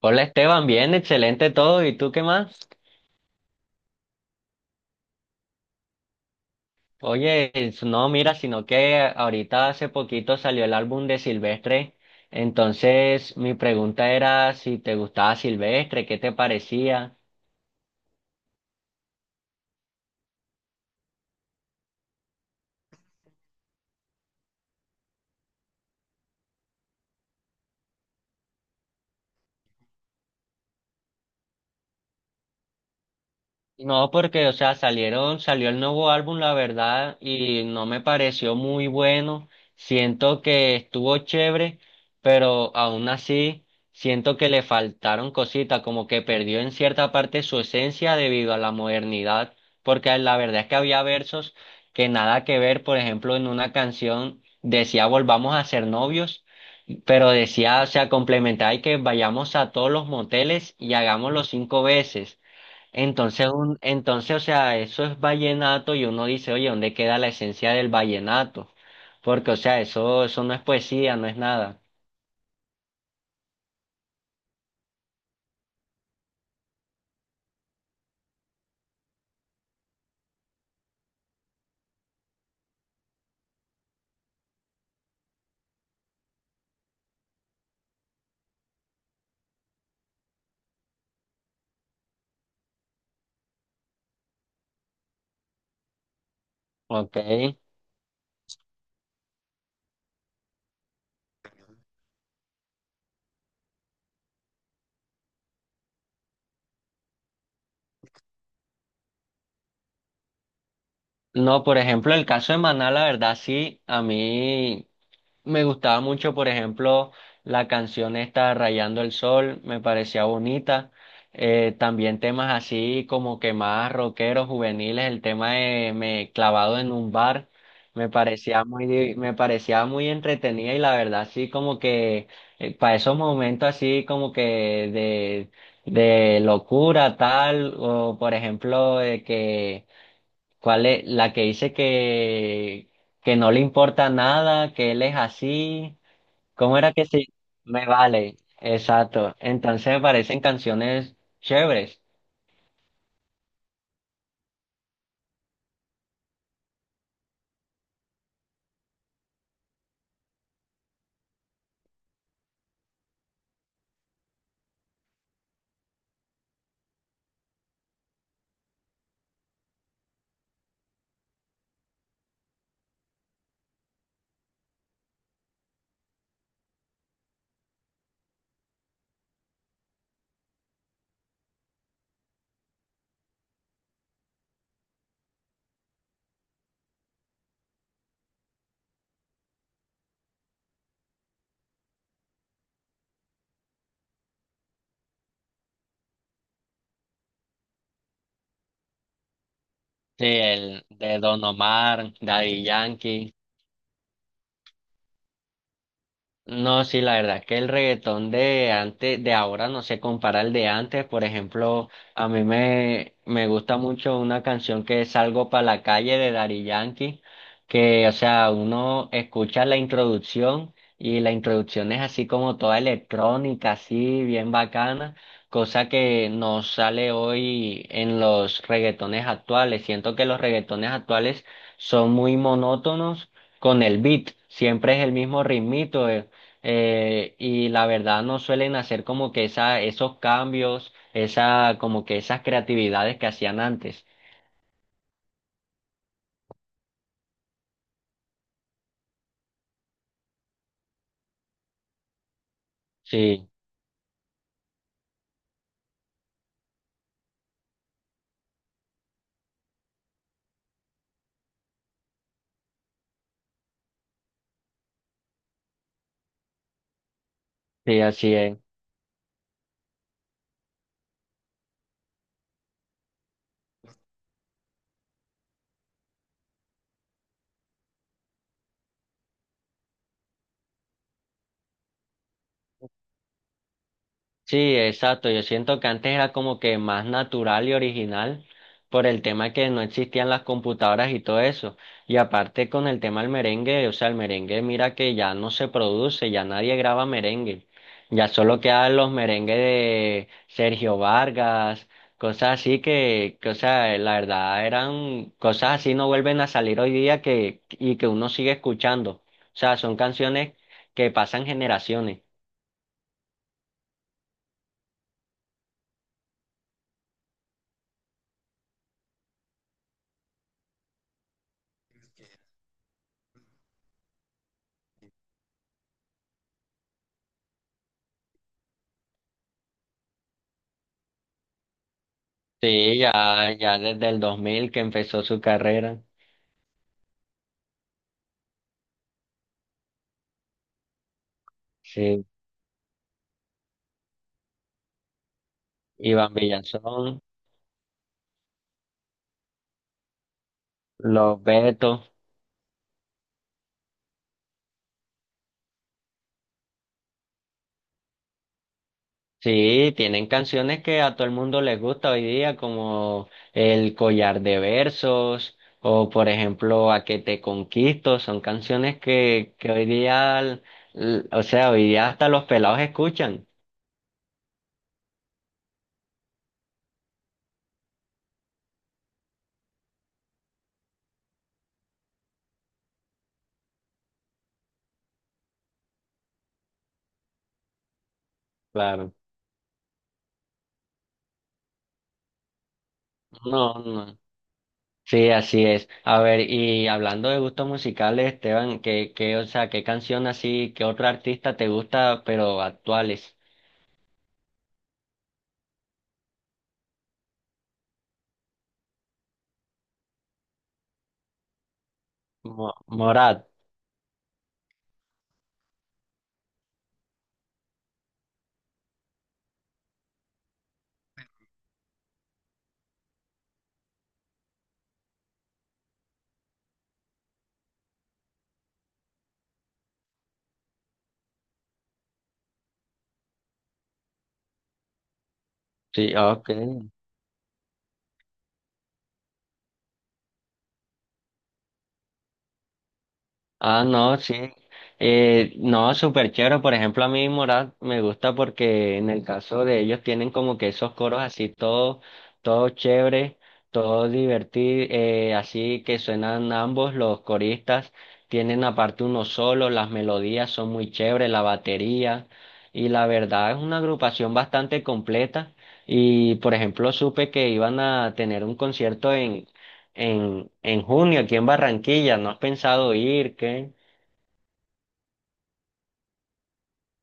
Hola Esteban, bien, excelente todo. ¿Y tú qué más? Oye, no, mira, sino que ahorita hace poquito salió el álbum de Silvestre. Entonces, mi pregunta era si te gustaba Silvestre, qué te parecía. No, porque, o sea, salió el nuevo álbum, la verdad, y no me pareció muy bueno. Siento que estuvo chévere, pero aún así siento que le faltaron cositas, como que perdió en cierta parte su esencia debido a la modernidad, porque la verdad es que había versos que nada que ver, por ejemplo, en una canción decía volvamos a ser novios. Pero decía, o sea, complementar y que vayamos a todos los moteles y hagámoslo 5 veces. Entonces, o sea, eso es vallenato y uno dice, oye, ¿dónde queda la esencia del vallenato? Porque, o sea, eso no es poesía, no es nada. Ok. No, por ejemplo, el caso de Maná, la verdad, sí, a mí. Me gustaba mucho, por ejemplo, la canción esta Rayando el Sol, me parecía bonita. También temas así como que más rockeros, juveniles, el tema de Me clavado en un bar, me parecía muy, me parecía muy entretenida y la verdad sí como que para esos momentos así como que de locura tal, o por ejemplo de que ¿cuál es la que dice que no le importa nada, que él es así? ¿Cómo era que sí? Me vale, exacto. Entonces me parecen canciones chéveres. Sí, el de Don Omar, Daddy Yankee. No, sí, la verdad que el reggaetón de antes, de ahora no se compara al de antes. Por ejemplo, a mí me gusta mucho una canción que es Salgo para la calle de Daddy Yankee, que, o sea, uno escucha la introducción y la introducción es así como toda electrónica, así bien bacana, cosa que no sale hoy en los reggaetones actuales. Siento que los reggaetones actuales son muy monótonos con el beat. Siempre es el mismo ritmito. Y la verdad no suelen hacer como que esa, esos cambios, esa, como que esas creatividades que hacían antes. Sí, sí, así es. Sí, exacto. Yo siento que antes era como que más natural y original por el tema que no existían las computadoras y todo eso. Y aparte con el tema del merengue, o sea, el merengue mira que ya no se produce, ya nadie graba merengue. Ya solo quedan los merengues de Sergio Vargas, cosas así que, o sea, la verdad eran cosas así no vuelven a salir hoy día que, y que uno sigue escuchando. O sea, son canciones que pasan generaciones. Sí, ya desde el 2000 que empezó su carrera. Sí, Iván Villazón, los Betos. Sí, tienen canciones que a todo el mundo les gusta hoy día, como El Collar de Versos o, por ejemplo, A que te conquisto. Son canciones que hoy día, o sea, hoy día hasta los pelados escuchan. Claro. No, no. Sí, así es. A ver, y hablando de gustos musicales, Esteban, ¿qué, o sea, qué canción así, qué otro artista te gusta, pero actuales? Morat. Sí, ok. Ah, no, sí. No, súper chévere. Por ejemplo, a mí Morat me gusta porque en el caso de ellos tienen como que esos coros así todo, todo chévere, todo divertido, así que suenan ambos los coristas. Tienen aparte unos solos, las melodías son muy chéveres, la batería. Y la verdad es una agrupación bastante completa. Y por ejemplo, supe que iban a tener un concierto en junio aquí en Barranquilla. ¿No has pensado ir? ¿Qué?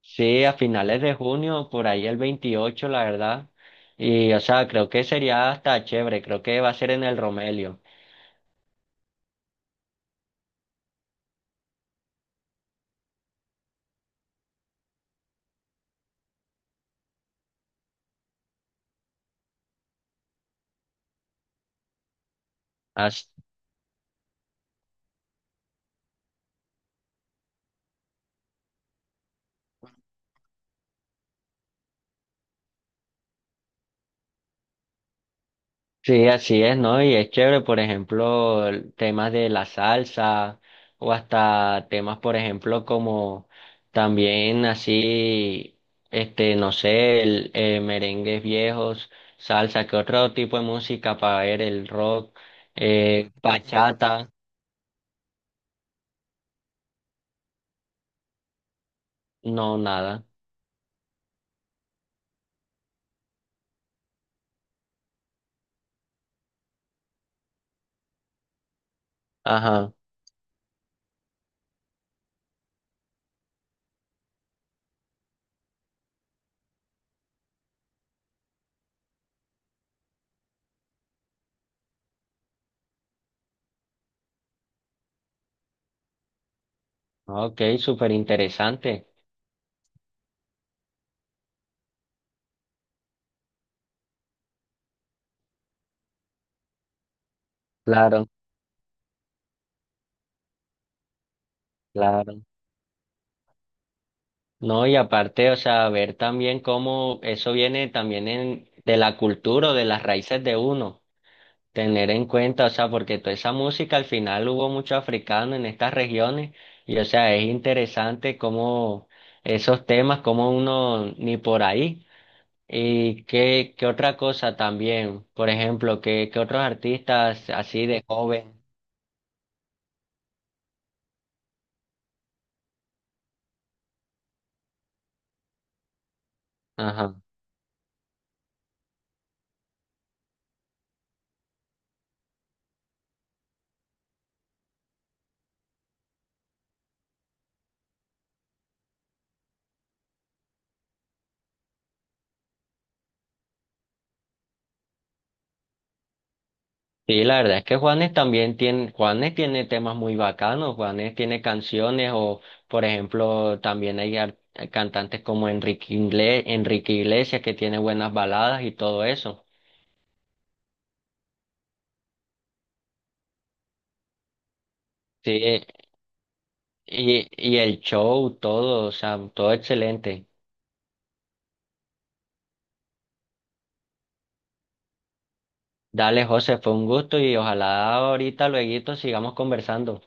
Sí, a finales de junio, por ahí el 28 la verdad. Y, o sea, creo que sería hasta chévere. Creo que va a ser en el Romelio. Sí, así es, ¿no? Y es chévere, por ejemplo, temas de la salsa o hasta temas, por ejemplo, como también así, este, no sé, merengues viejos, salsa, ¿qué otro tipo de música para ver? El rock, bachata, no, nada. Ajá, ok, súper interesante. Claro, claro. No, y aparte, o sea, ver también cómo eso viene también de la cultura o de las raíces de uno, tener en cuenta, o sea, porque toda esa música al final hubo mucho africano en estas regiones y, o sea, es interesante cómo esos temas, cómo uno ni por ahí. Y qué otra cosa también, por ejemplo, que qué qué otros artistas así de joven. Ajá. Sí, la verdad es que Juanes también tiene, Juanes tiene temas muy bacanos, Juanes tiene canciones o, por ejemplo, también hay cantantes como Enrique Iglesias que tiene buenas baladas y todo eso. Sí, y el show, todo, o sea, todo excelente. Dale, José, fue un gusto y ojalá ahorita, luego sigamos conversando.